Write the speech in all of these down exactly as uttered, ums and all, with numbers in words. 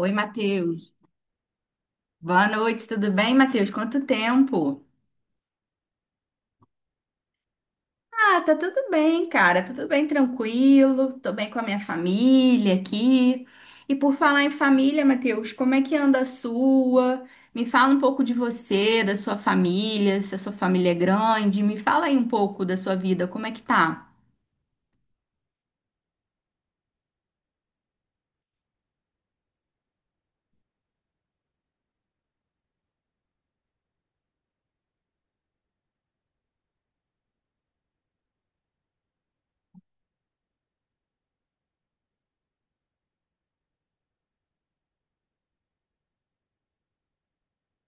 Oi, Matheus. Boa noite, tudo bem, Matheus? Quanto tempo? Ah, tá tudo bem, cara. Tudo bem, tranquilo. Tô bem com a minha família aqui. E por falar em família, Matheus, como é que anda a sua? Me fala um pouco de você, da sua família, se a sua família é grande. Me fala aí um pouco da sua vida, como é que tá?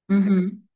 Uhum.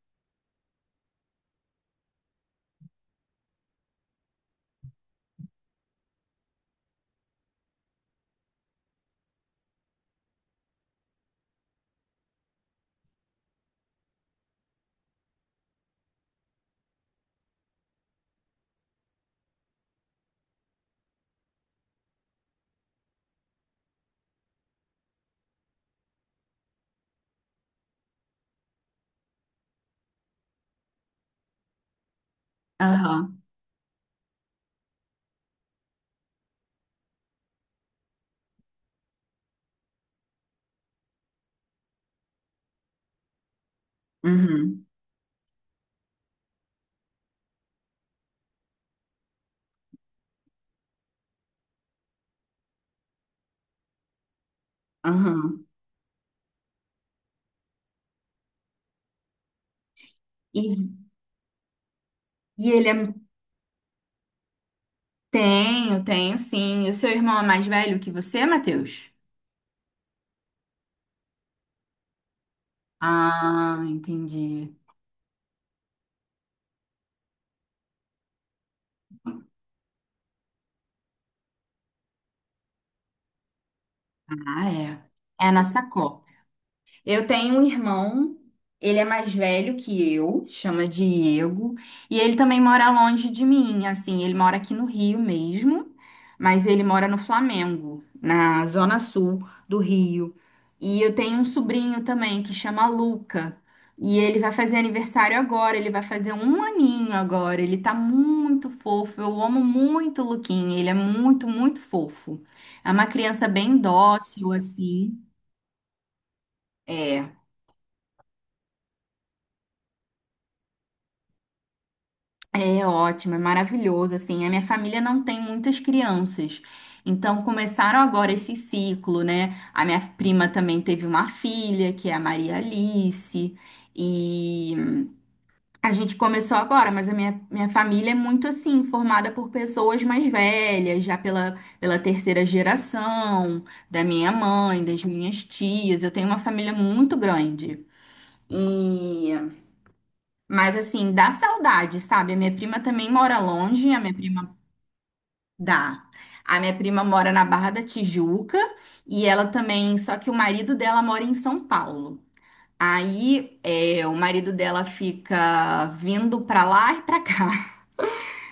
Aham. Uhum. Aham. E, e ele é... Tenho, tenho sim. E o seu irmão é mais velho que você, Matheus? Ah, entendi. Ah, é. É na sacola. Eu tenho um irmão, ele é mais velho que eu, chama Diego, e ele também mora longe de mim, assim, ele mora aqui no Rio mesmo, mas ele mora no Flamengo, na zona sul do Rio. E eu tenho um sobrinho também que chama Luca, e ele vai fazer aniversário agora, ele vai fazer um aninho agora, ele tá muito fofo, eu amo muito o Luquinha, ele é muito, muito fofo. É uma criança bem dócil, assim. É. É ótimo, é maravilhoso, assim. A minha família não tem muitas crianças. Então começaram agora esse ciclo, né? A minha prima também teve uma filha, que é a Maria Alice, e a gente começou agora, mas a minha, minha família é muito assim, formada por pessoas mais velhas, já pela, pela terceira geração, da minha mãe, das minhas tias. Eu tenho uma família muito grande. E mas assim, dá saudade, sabe? A minha prima também mora longe, a minha prima dá. A minha prima mora na Barra da Tijuca e ela também, só que o marido dela mora em São Paulo. Aí, é, o marido dela fica vindo pra lá e pra cá.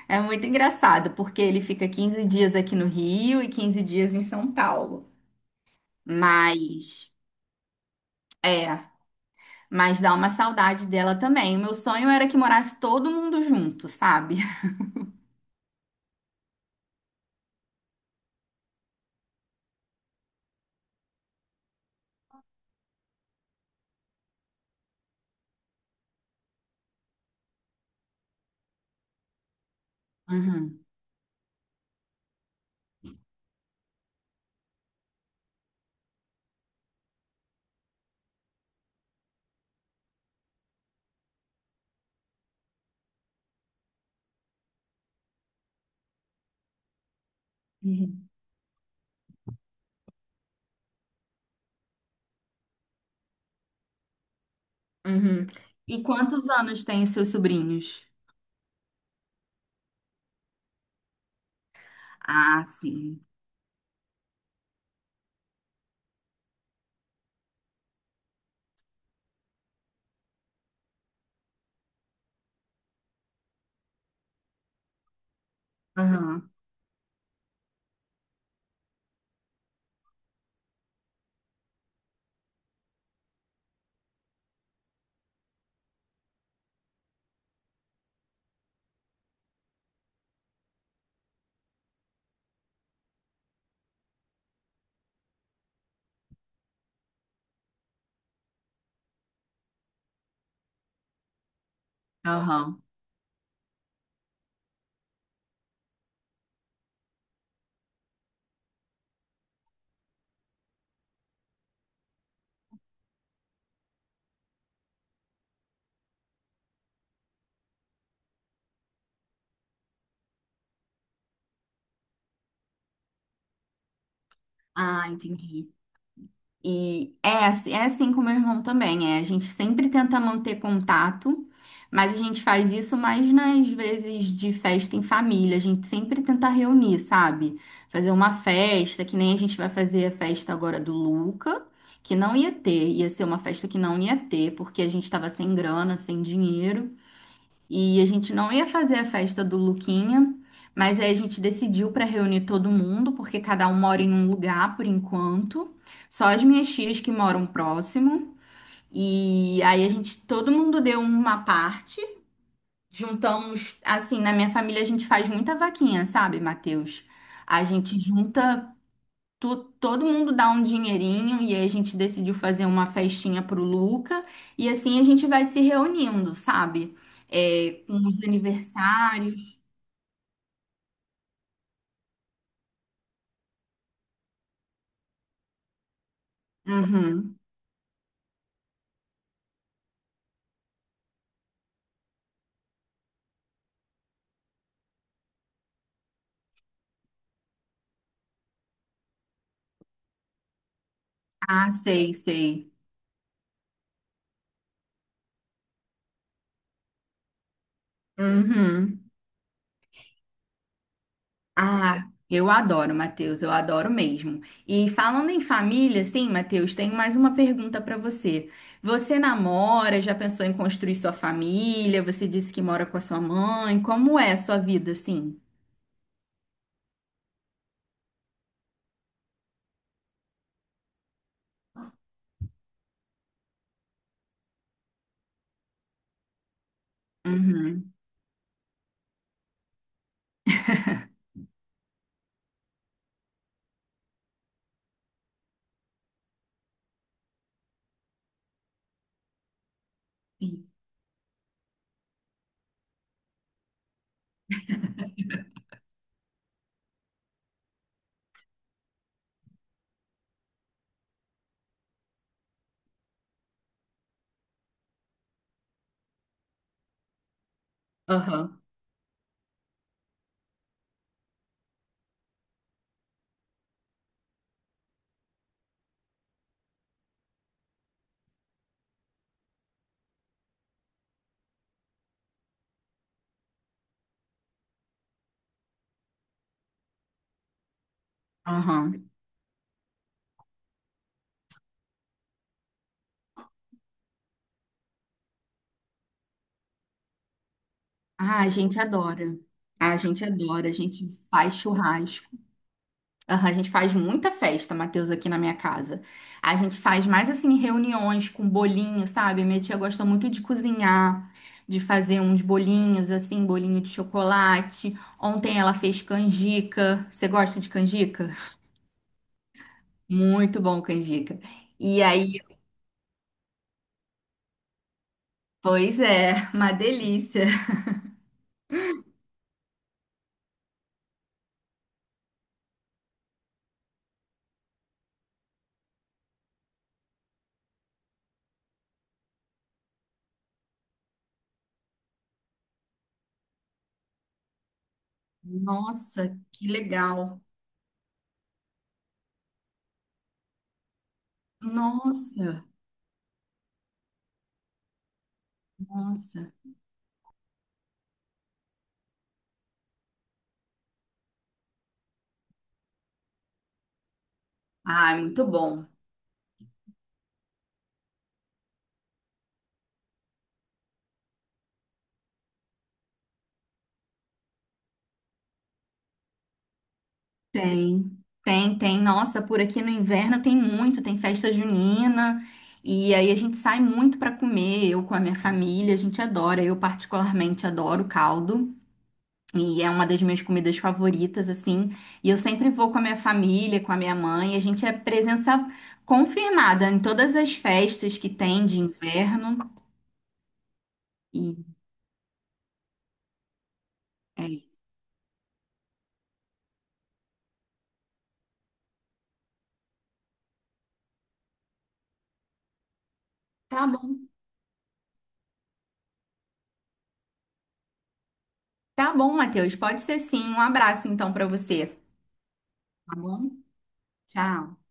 É muito engraçado, porque ele fica quinze dias aqui no Rio e quinze dias em São Paulo. Mas, é, mas dá uma saudade dela também. O meu sonho era que morasse todo mundo junto, sabe? Uhum. Uhum. E quantos anos têm os seus sobrinhos? Ah, sim. Aham, aham. Ah, entendi. E é, assim- é assim com o meu irmão também, é. A gente sempre tenta manter contato, mas a gente faz isso mais nas vezes de festa em família. A gente sempre tenta reunir, sabe? Fazer uma festa, que nem a gente vai fazer a festa agora do Luca, que não ia ter, ia ser uma festa que não ia ter, porque a gente tava sem grana, sem dinheiro. E a gente não ia fazer a festa do Luquinha, mas aí a gente decidiu para reunir todo mundo, porque cada um mora em um lugar por enquanto. Só as minhas tias que moram próximo. E aí a gente, todo mundo deu uma parte. Juntamos, assim, na minha família a gente faz muita vaquinha, sabe, Matheus? A gente junta Tu- todo mundo dá um dinheirinho e aí a gente decidiu fazer uma festinha pro Luca e assim a gente vai se reunindo, sabe? É, com os aniversários. Uhum. Ah, sei, sei. Uhum. Ah, eu adoro, Matheus, eu adoro mesmo. E falando em família, sim, Matheus, tenho mais uma pergunta para você. Você namora, já pensou em construir sua família? Você disse que mora com a sua mãe. Como é a sua vida, assim? Uhum. Sim. Aham. Aham. Ah, a gente adora. Ah, a gente adora. A gente faz churrasco. Aham, a gente faz muita festa, Matheus, aqui na minha casa. A gente faz mais assim reuniões com bolinho, sabe? Minha tia gosta muito de cozinhar, de fazer uns bolinhos assim, bolinho de chocolate. Ontem ela fez canjica. Você gosta de canjica? Muito bom canjica. E aí, pois é, uma delícia. Nossa, que legal. Nossa, nossa. Ai, muito bom. Tem. Tem, tem. Nossa, por aqui no inverno tem muito, tem festa junina. E aí a gente sai muito para comer, eu com a minha família, a gente adora. Eu particularmente adoro caldo e é uma das minhas comidas favoritas assim. E eu sempre vou com a minha família, com a minha mãe, e a gente é presença confirmada em todas as festas que tem de inverno. E é isso. Tá bom. Tá bom, Matheus. Pode ser sim. Um abraço então para você. Tá bom? Tchau.